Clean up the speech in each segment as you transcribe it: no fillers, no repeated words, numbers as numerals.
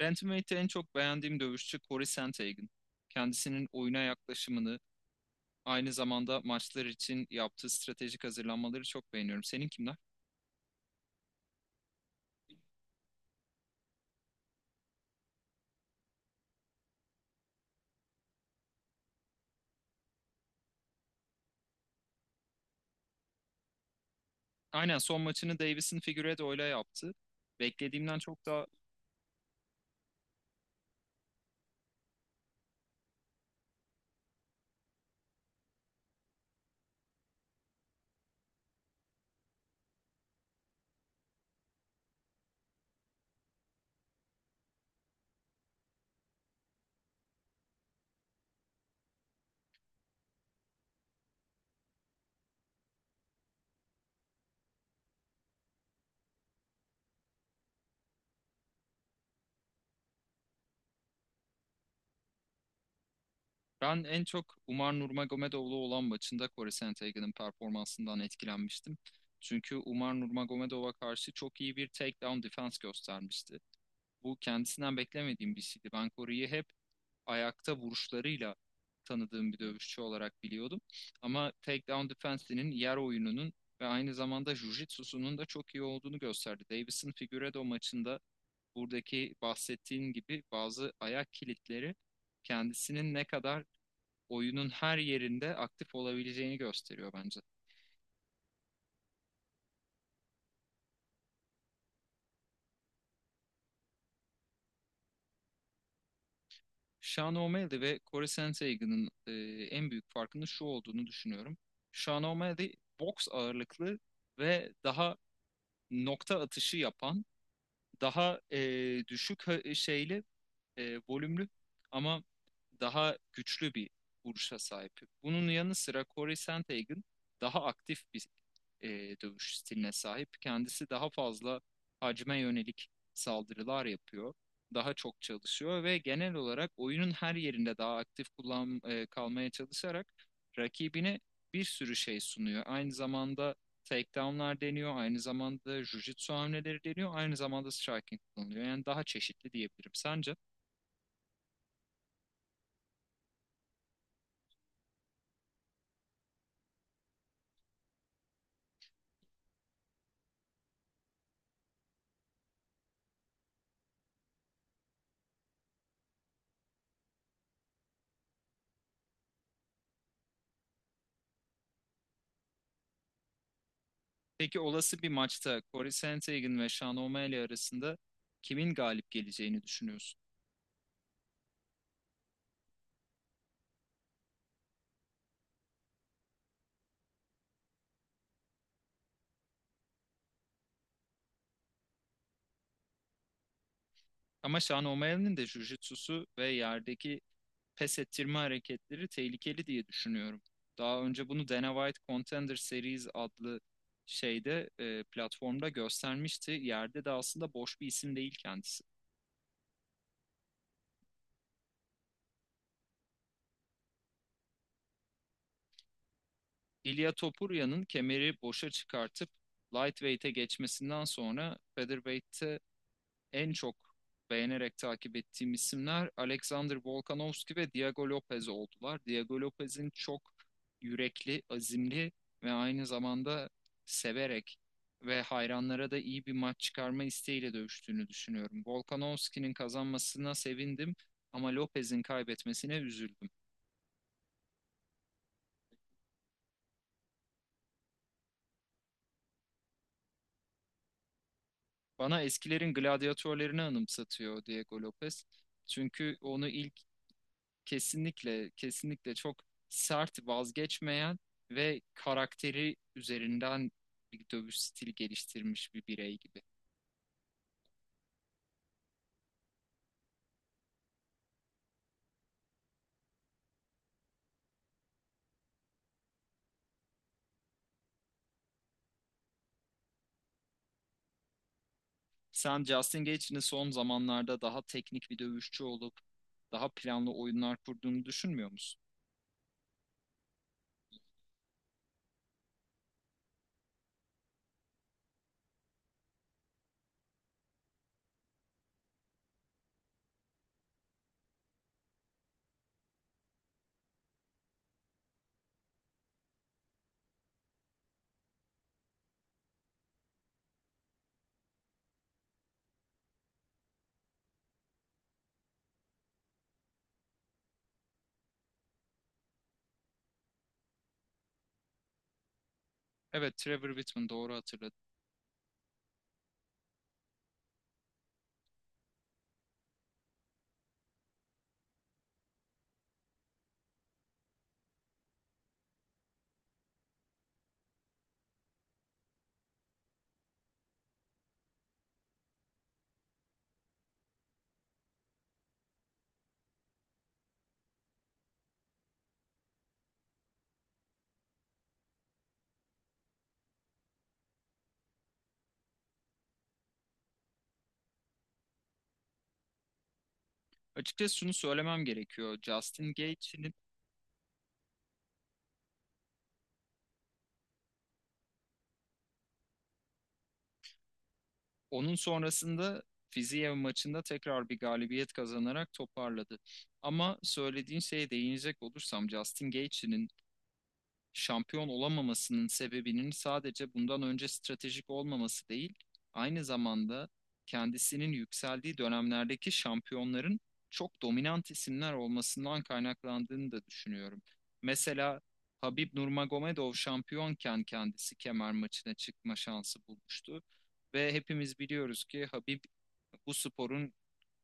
Bantamweight'te en çok beğendiğim dövüşçü Corey Sandhagen. Kendisinin oyuna yaklaşımını, aynı zamanda maçlar için yaptığı stratejik hazırlanmaları çok beğeniyorum. Senin kimler? Aynen son maçını Davis'in Figueiredo'yla yaptı. Beklediğimden çok daha ben en çok Umar Nurmagomedov'la olan maçında Corey Sandhagen'ın performansından etkilenmiştim. Çünkü Umar Nurmagomedov'a karşı çok iyi bir takedown defense göstermişti. Bu kendisinden beklemediğim bir şeydi. Ben Corey'i hep ayakta vuruşlarıyla tanıdığım bir dövüşçü olarak biliyordum. Ama takedown defense'inin, yer oyununun ve aynı zamanda jiu-jitsu'sunun da çok iyi olduğunu gösterdi. Davis'in Figueiredo maçında buradaki bahsettiğin gibi bazı ayak kilitleri kendisinin ne kadar oyunun her yerinde aktif olabileceğini gösteriyor bence. Sean O'Malley ve Corey Sandhagen'ın en büyük farkının şu olduğunu düşünüyorum. Sean O'Malley boks ağırlıklı ve daha nokta atışı yapan, daha düşük şeyli, volümlü ama daha güçlü bir vuruşa sahip. Bunun yanı sıra Corey Sandhagen daha aktif bir e, dövüş stiline sahip. Kendisi daha fazla hacme yönelik saldırılar yapıyor. Daha çok çalışıyor ve genel olarak oyunun her yerinde daha aktif kalmaya çalışarak rakibine bir sürü şey sunuyor. Aynı zamanda takedownlar deniyor, aynı zamanda jiu-jitsu hamleleri deniyor, aynı zamanda striking kullanılıyor. Yani daha çeşitli diyebilirim. Sence? Peki olası bir maçta Corey Sandhagen ve Sean O'Malley arasında kimin galip geleceğini düşünüyorsun? Ama Sean O'Malley'nin de jujitsusu ve yerdeki pes ettirme hareketleri tehlikeli diye düşünüyorum. Daha önce bunu Dana White Contender Series adlı şeyde, platformda göstermişti. Yerde de aslında boş bir isim değil kendisi. Ilia Topuria'nın kemeri boşa çıkartıp lightweight'e geçmesinden sonra featherweight'te en çok beğenerek takip ettiğim isimler Alexander Volkanovski ve Diego Lopez oldular. Diego Lopez'in çok yürekli, azimli ve aynı zamanda severek ve hayranlara da iyi bir maç çıkarma isteğiyle dövüştüğünü düşünüyorum. Volkanovski'nin kazanmasına sevindim ama Lopez'in kaybetmesine üzüldüm. Bana eskilerin gladyatörlerini anımsatıyor Diego Lopez. Çünkü onu ilk kesinlikle, kesinlikle çok sert, vazgeçmeyen ve karakteri üzerinden bir dövüş stili geliştirmiş bir birey gibi. Sen Justin Gaethje'nin son zamanlarda daha teknik bir dövüşçü olup daha planlı oyunlar kurduğunu düşünmüyor musun? Evet, Trevor Whitman doğru hatırladın. Açıkçası şunu söylemem gerekiyor. Justin Gaethje'nin onun sonrasında Fiziev maçında tekrar bir galibiyet kazanarak toparladı. Ama söylediğin şeye değinecek olursam Justin Gaethje'nin şampiyon olamamasının sebebinin sadece bundan önce stratejik olmaması değil, aynı zamanda kendisinin yükseldiği dönemlerdeki şampiyonların çok dominant isimler olmasından kaynaklandığını da düşünüyorum. Mesela Habib Nurmagomedov şampiyonken kendisi kemer maçına çıkma şansı bulmuştu ve hepimiz biliyoruz ki Habib bu sporun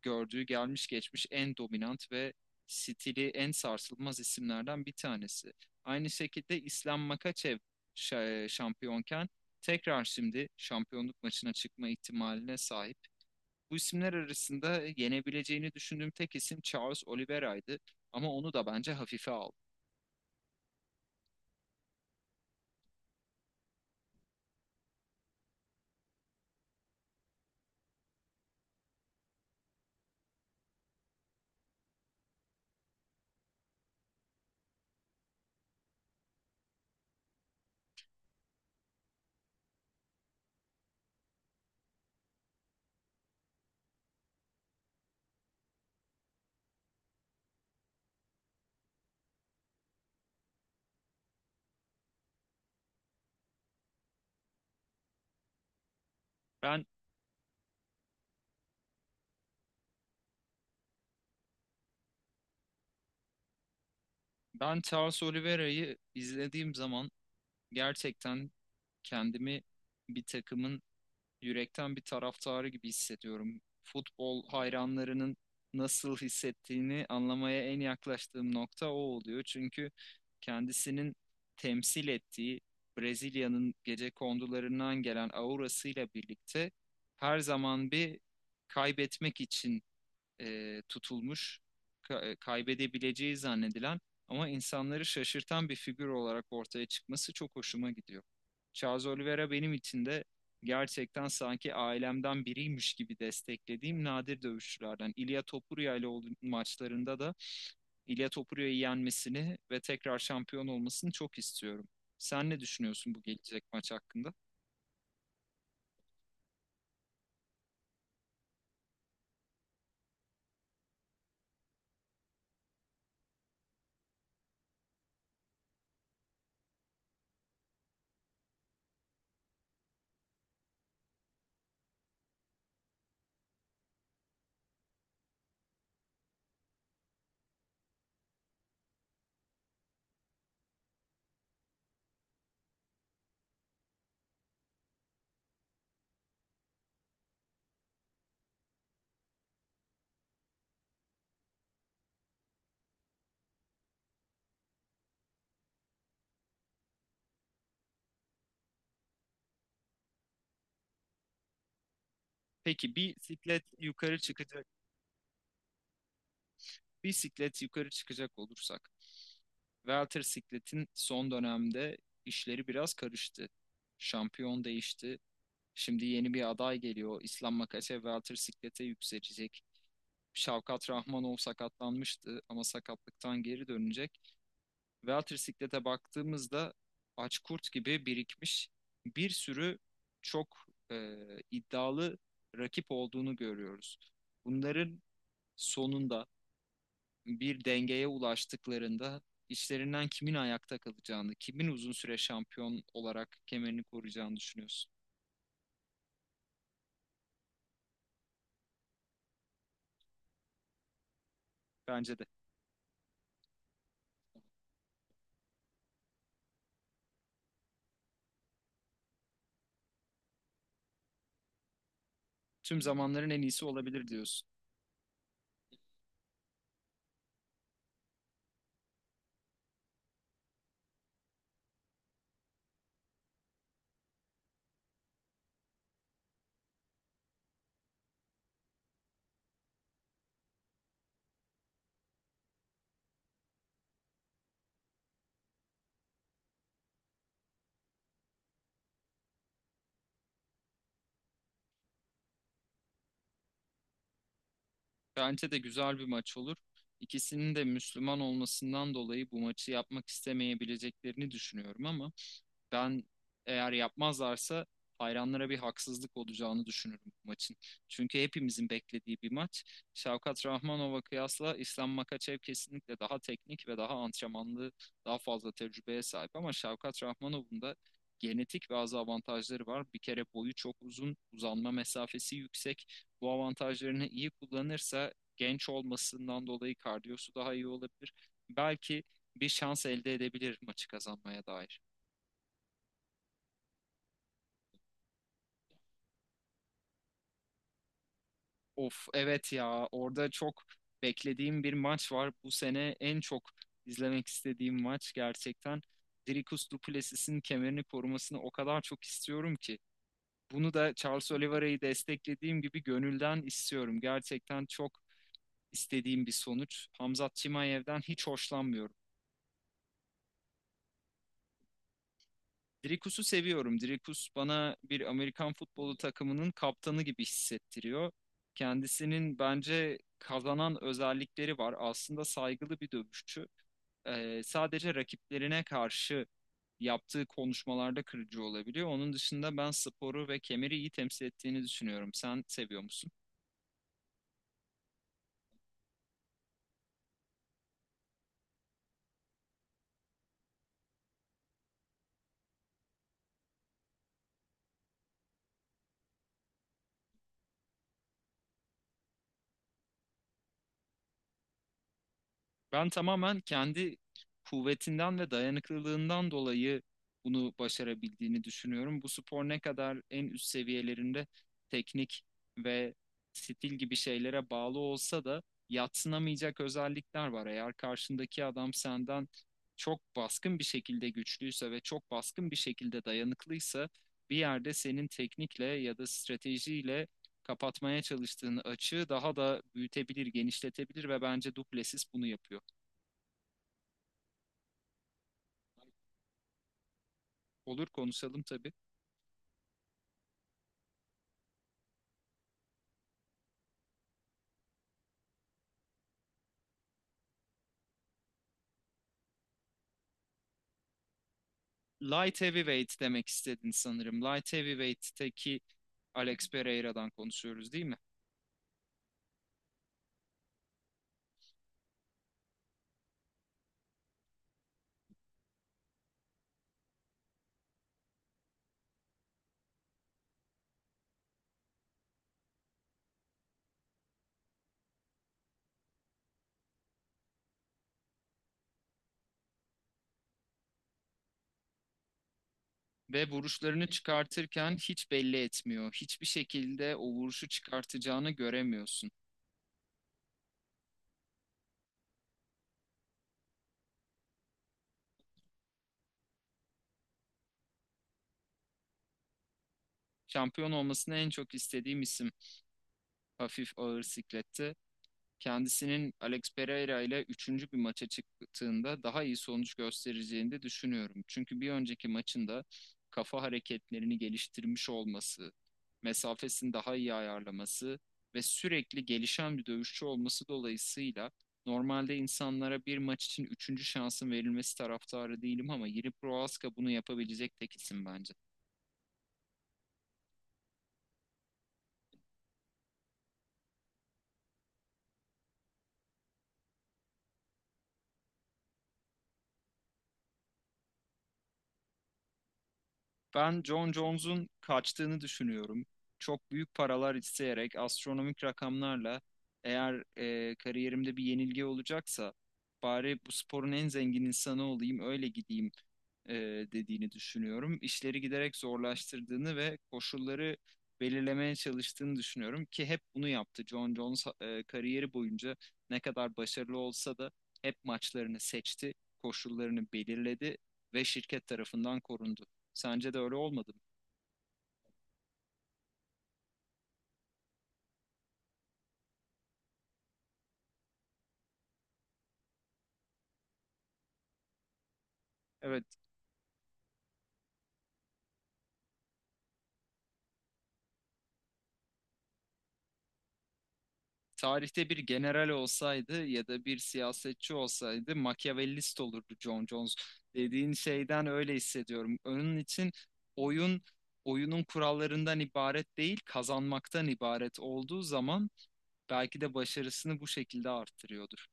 gördüğü gelmiş geçmiş en dominant ve stili en sarsılmaz isimlerden bir tanesi. Aynı şekilde İslam Makaçev şampiyonken tekrar şimdi şampiyonluk maçına çıkma ihtimaline sahip. Bu isimler arasında yenebileceğini düşündüğüm tek isim Charles Oliveira'ydı ama onu da bence hafife aldı. Ben ben Charles Oliveira'yı izlediğim zaman gerçekten kendimi bir takımın yürekten bir taraftarı gibi hissediyorum. Futbol hayranlarının nasıl hissettiğini anlamaya en yaklaştığım nokta o oluyor. Çünkü kendisinin temsil ettiği Brezilya'nın gecekondularından gelen aurasıyla birlikte her zaman bir kaybetmek için tutulmuş, kaybedebileceği zannedilen ama insanları şaşırtan bir figür olarak ortaya çıkması çok hoşuma gidiyor. Charles Oliveira benim için de gerçekten sanki ailemden biriymiş gibi desteklediğim nadir dövüşçülerden. İlia Topuria ile olduğu maçlarında da İlia Topuria'yı yenmesini ve tekrar şampiyon olmasını çok istiyorum. Sen ne düşünüyorsun bu gelecek maç hakkında? Peki bir siklet yukarı çıkacak, bir siklet yukarı çıkacak olursak. Walter Siklet'in son dönemde işleri biraz karıştı. Şampiyon değişti. Şimdi yeni bir aday geliyor. İslam Makase Walter Siklet'e yükselecek. Şavkat Rahmanov sakatlanmıştı ama sakatlıktan geri dönecek. Walter Siklet'e baktığımızda aç kurt gibi birikmiş bir sürü çok iddialı rakip olduğunu görüyoruz. Bunların sonunda bir dengeye ulaştıklarında işlerinden kimin ayakta kalacağını, kimin uzun süre şampiyon olarak kemerini koruyacağını düşünüyorsun. Bence de. Tüm zamanların en iyisi olabilir diyorsun. Bence de güzel bir maç olur. İkisinin de Müslüman olmasından dolayı bu maçı yapmak istemeyebileceklerini düşünüyorum ama ben eğer yapmazlarsa hayranlara bir haksızlık olacağını düşünürüm bu maçın. Çünkü hepimizin beklediği bir maç. Şavkat Rahmanov'a kıyasla İslam Makaçev kesinlikle daha teknik ve daha antrenmanlı, daha fazla tecrübeye sahip. Ama Şavkat Rahmanov'un da genetik bazı avantajları var. Bir kere boyu çok uzun, uzanma mesafesi yüksek. Bu avantajlarını iyi kullanırsa genç olmasından dolayı kardiyosu daha iyi olabilir. Belki bir şans elde edebilir maçı kazanmaya dair. Of evet ya orada çok beklediğim bir maç var. Bu sene en çok izlemek istediğim maç gerçekten. Dricus du Plessis'in kemerini korumasını o kadar çok istiyorum ki. Bunu da Charles Oliveira'yı desteklediğim gibi gönülden istiyorum. Gerçekten çok istediğim bir sonuç. Hamzat Chimaev'den hiç hoşlanmıyorum. Dricus'u seviyorum. Dricus bana bir Amerikan futbolu takımının kaptanı gibi hissettiriyor. Kendisinin bence kazanan özellikleri var. Aslında saygılı bir dövüşçü. Sadece rakiplerine karşı yaptığı konuşmalarda kırıcı olabiliyor. Onun dışında ben sporu ve kemeri iyi temsil ettiğini düşünüyorum. Sen seviyor musun? Ben tamamen kendi kuvvetinden ve dayanıklılığından dolayı bunu başarabildiğini düşünüyorum. Bu spor ne kadar en üst seviyelerinde teknik ve stil gibi şeylere bağlı olsa da yadsınamayacak özellikler var. Eğer karşındaki adam senden çok baskın bir şekilde güçlüyse ve çok baskın bir şekilde dayanıklıysa bir yerde senin teknikle ya da stratejiyle kapatmaya çalıştığın açığı daha da büyütebilir, genişletebilir ve bence Duplessis bunu yapıyor. Olur konuşalım tabii. Light heavyweight demek istedin sanırım. Light heavyweight'teki Alex Pereira'dan konuşuyoruz değil mi? Ve vuruşlarını çıkartırken hiç belli etmiyor. Hiçbir şekilde o vuruşu çıkartacağını göremiyorsun. Şampiyon olmasını en çok istediğim isim hafif ağır siklette kendisinin Alex Pereira ile üçüncü bir maça çıktığında daha iyi sonuç göstereceğini de düşünüyorum. Çünkü bir önceki maçında kafa hareketlerini geliştirmiş olması, mesafesini daha iyi ayarlaması ve sürekli gelişen bir dövüşçü olması dolayısıyla normalde insanlara bir maç için üçüncü şansın verilmesi taraftarı değilim ama Yuri Prohaska bunu yapabilecek tek isim bence. Ben John Jones'un kaçtığını düşünüyorum. Çok büyük paralar isteyerek astronomik rakamlarla eğer kariyerimde bir yenilgi olacaksa bari bu sporun en zengin insanı olayım öyle gideyim, e, dediğini düşünüyorum. İşleri giderek zorlaştırdığını ve koşulları belirlemeye çalıştığını düşünüyorum ki hep bunu yaptı. John Jones kariyeri boyunca ne kadar başarılı olsa da hep maçlarını seçti, koşullarını belirledi ve şirket tarafından korundu. Sence de öyle olmadı mı? Evet, tarihte bir general olsaydı ya da bir siyasetçi olsaydı Machiavellist olurdu John Jones. Dediğin şeyden öyle hissediyorum. Onun için oyun oyunun kurallarından ibaret değil, kazanmaktan ibaret olduğu zaman belki de başarısını bu şekilde arttırıyordur.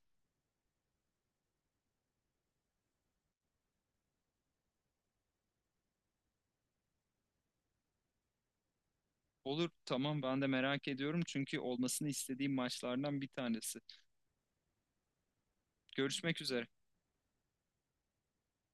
Olur, tamam ben de merak ediyorum çünkü olmasını istediğim maçlardan bir tanesi. Görüşmek üzere.